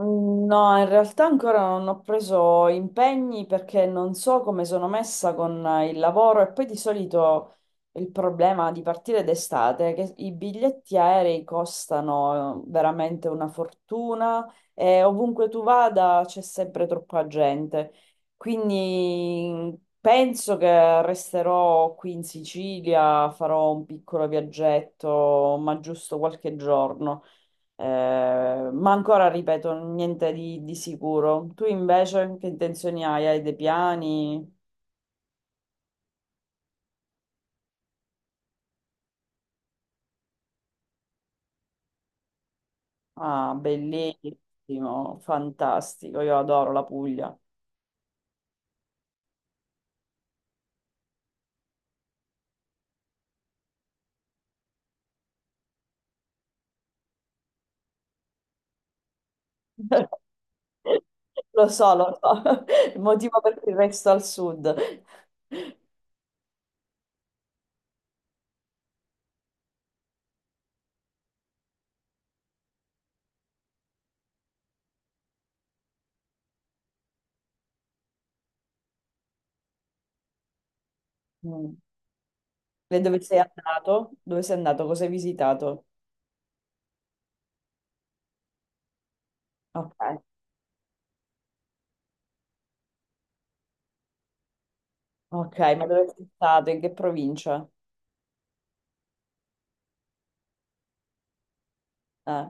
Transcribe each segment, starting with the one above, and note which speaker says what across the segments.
Speaker 1: No, in realtà ancora non ho preso impegni perché non so come sono messa con il lavoro e poi di solito il problema di partire d'estate è che i biglietti aerei costano veramente una fortuna e ovunque tu vada c'è sempre troppa gente. Quindi penso che resterò qui in Sicilia, farò un piccolo viaggetto, ma giusto qualche giorno. Ma ancora, ripeto, niente di sicuro. Tu invece che intenzioni hai? Hai dei piani? Ah, bellissimo, fantastico, io adoro la Puglia. Lo so, il motivo per cui resto al sud. Mm. E dove sei andato? Dove sei andato? Cosa hai visitato? Ok, ok, ma dove sei stato? In che provincia? Eh.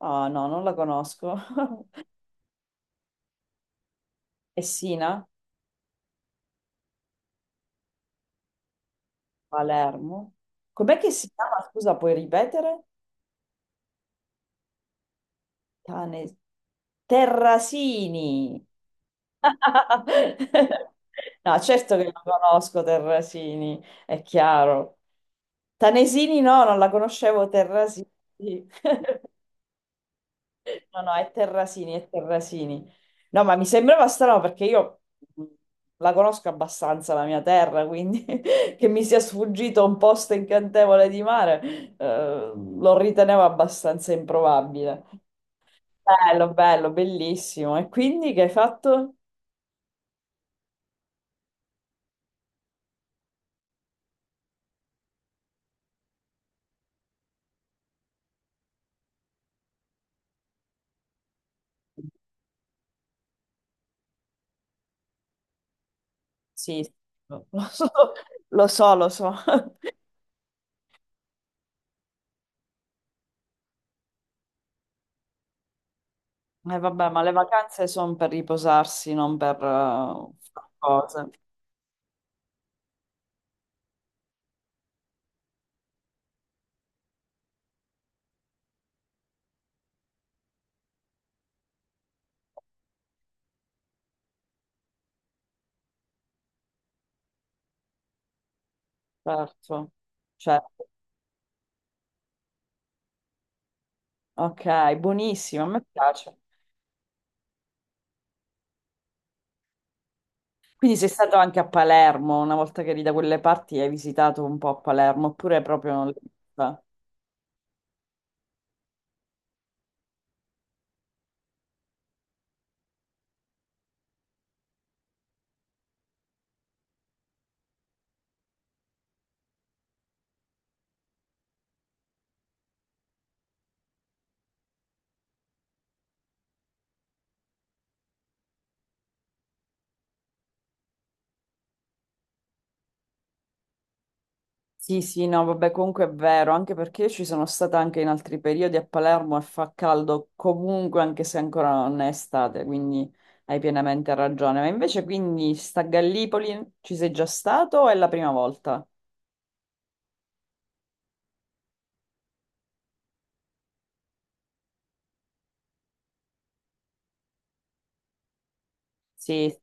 Speaker 1: Ah, no, non la conosco. Essina? Palermo. Com'è che si chiama? Scusa, puoi ripetere? Cane... Terrasini. No, certo che lo conosco Terrasini, è chiaro. Tanesini no, non la conoscevo Terrasini. No, no, è Terrasini, è Terrasini. No, ma mi sembrava strano perché io mh, la conosco abbastanza la mia terra, quindi che mi sia sfuggito un posto incantevole di mare, lo ritenevo abbastanza improbabile. Bello, bello, bellissimo. E quindi che hai fatto? Sì, sì, lo so, lo so, lo so. E vabbè, ma le vacanze sono per riposarsi, non per fare cose. Certo, certo. Ok, buonissimo, a me piace. Quindi sei stato anche a Palermo, una volta che eri da quelle parti hai visitato un po' a Palermo, oppure proprio... non l'hai vista? Sì, sì, no, vabbè, comunque è vero, anche perché io ci sono stata anche in altri periodi a Palermo e fa caldo comunque, anche se ancora non è estate, quindi hai pienamente ragione. Ma invece quindi sta a Gallipoli ci sei già stato o è la prima volta? Sì,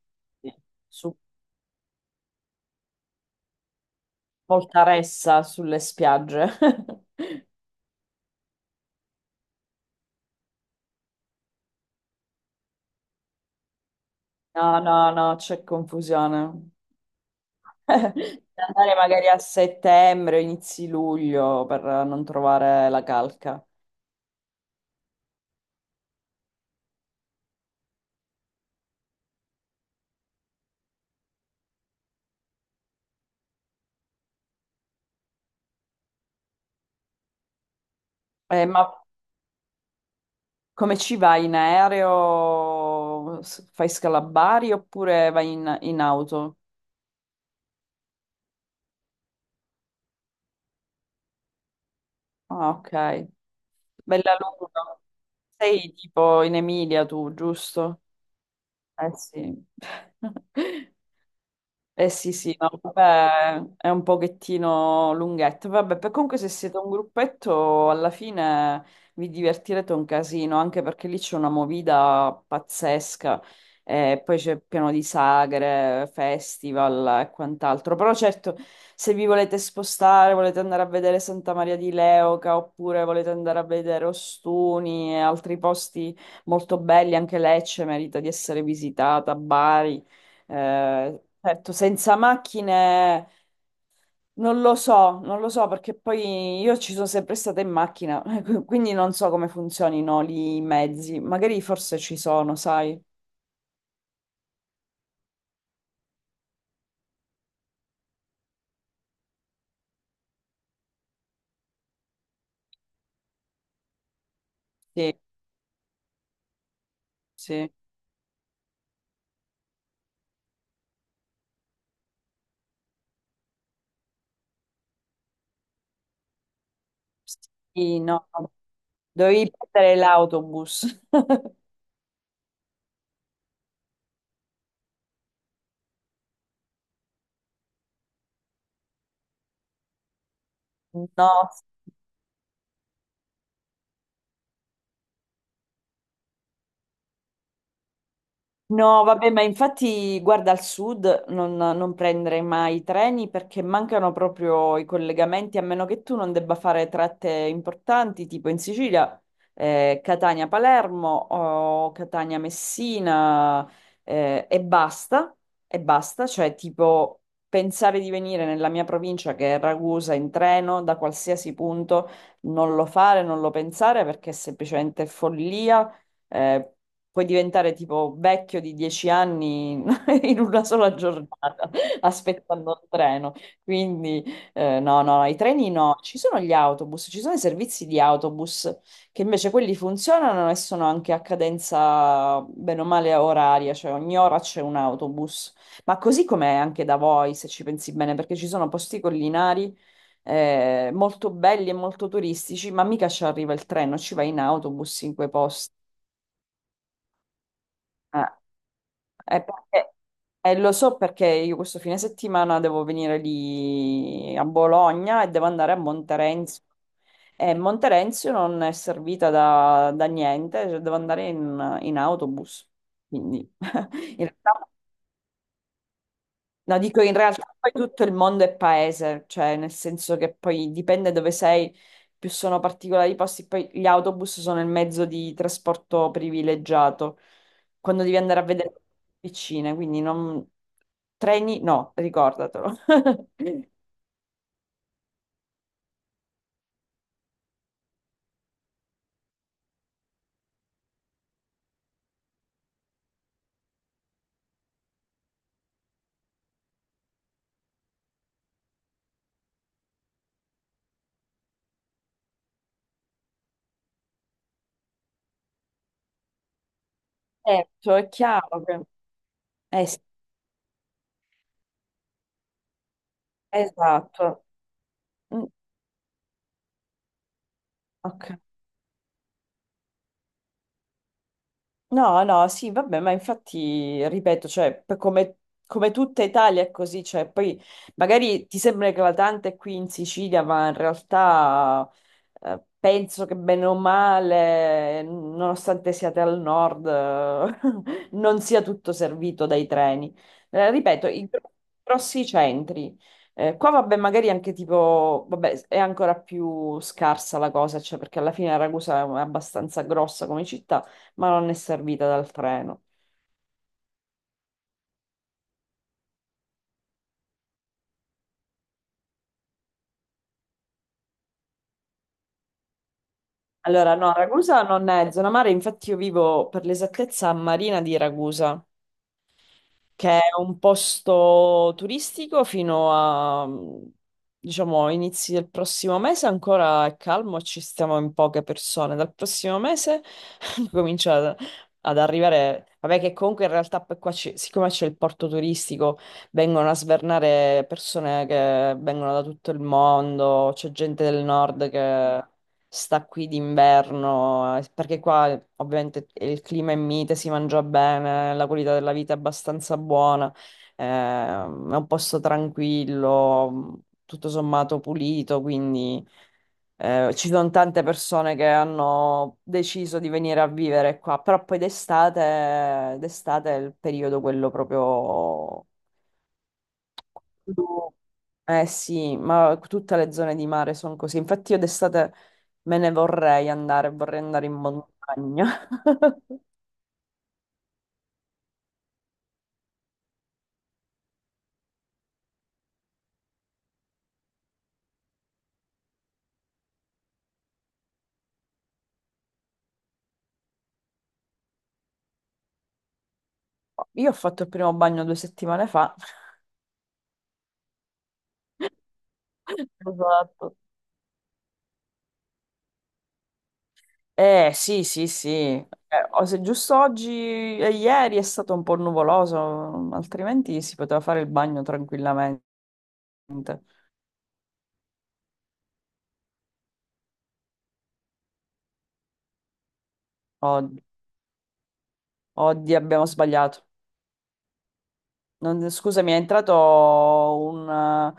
Speaker 1: sì. Su Voltaressa, sulle spiagge. No, no, no, c'è confusione. Andare magari a settembre, inizi luglio per non trovare la calca. Ma come ci vai in aereo? S- Fai scalabari oppure vai in auto? Ah, ok. Bella lunga. Sei tipo in Emilia tu, giusto? Eh sì. Eh sì, sì, no, vabbè, è un pochettino lunghetto. Vabbè, per- comunque se siete un gruppetto, alla fine vi divertirete un casino, anche perché lì c'è una movida pazzesca. E poi c'è pieno di sagre, festival e quant'altro. Però certo, se vi volete spostare, volete andare a vedere Santa Maria di Leuca, oppure volete andare a vedere Ostuni e altri posti molto belli, anche Lecce merita di essere visitata, Bari. Certo, senza macchine non lo so, non lo so perché poi io ci sono sempre stata in macchina, quindi non so come funzionino lì i mezzi. Magari forse ci sono, sai? Sì, sì. Sì, no, dovevi prendere l'autobus. No. No, vabbè, ma infatti, guarda, al sud non prendere mai i treni perché mancano proprio i collegamenti, a meno che tu non debba fare tratte importanti, tipo in Sicilia, Catania-Palermo o Catania-Messina, eh, e basta, e basta, cioè tipo pensare di venire nella mia provincia, che è Ragusa, in treno da qualsiasi punto, non lo fare, non lo pensare perché è semplicemente follia eh, puoi diventare tipo vecchio di 10 anni in una sola giornata aspettando il treno. Quindi no, no, no, i treni no, ci sono gli autobus, ci sono i servizi di autobus che invece quelli funzionano e sono anche a cadenza bene o male oraria, cioè ogni ora c'è un autobus. Ma così com'è anche da voi, se ci pensi bene, perché ci sono posti collinari molto belli e molto turistici, ma mica ci arriva il treno, ci va in autobus in quei posti. Eh, eh, perché- Lo so perché io questo fine settimana devo venire lì a Bologna e devo andare a Monterenzio. E Monterenzio non è servita da niente, cioè devo andare in autobus. Quindi in realtà no, dico in realtà poi tutto il mondo è paese, cioè nel senso che poi dipende dove sei, più sono particolari i posti, poi gli autobus sono il mezzo di trasporto privilegiato, quando devi andare a vedere vicine, quindi non... treni no, ricordatelo. Certo, è chiaro che... sì, esatto. Mm, ok. No, no, sì, vabbè, ma infatti, ripeto, cioè, per come, come tutta Italia è così, cioè, poi magari ti sembra eclatante qui in Sicilia, ma in realtà penso che bene o male, nonostante siate al nord, non sia tutto servito dai treni. Ripeto, i gro- grossi centri. Qua, vabbè, magari anche tipo, vabbè, è ancora più scarsa la cosa, cioè, perché alla fine Ragusa è abbastanza grossa come città ma non è servita dal treno. Allora, no, Ragusa non è zona mare, infatti io vivo per l'esattezza a Marina di Ragusa, che è un posto turistico fino a, diciamo, inizi del prossimo mese, ancora è calmo, ci stiamo in poche persone. Dal prossimo mese comincia ad arrivare, vabbè che comunque in realtà poi qua ci- siccome c'è il porto turistico, vengono a svernare persone che vengono da tutto il mondo, c'è gente del nord che sta qui d'inverno, perché qua ovviamente il clima è mite, si mangia bene, la qualità della vita è abbastanza buona, è un posto tranquillo, tutto sommato pulito, quindi ci sono tante persone che hanno deciso di venire a vivere qua, però poi d'estate, d'estate è il periodo quello proprio eh sì, ma tutte le zone di mare sono così. Infatti io d'estate me ne vorrei andare in montagna. Io ho fatto il primo bagno 2 settimane fa. Esatto. Eh sì, sì, sì. O se giusto oggi e ieri è stato un po' nuvoloso, altrimenti si poteva fare il bagno tranquillamente. Od- Oddio, abbiamo sbagliato. Non- scusami, è entrato un,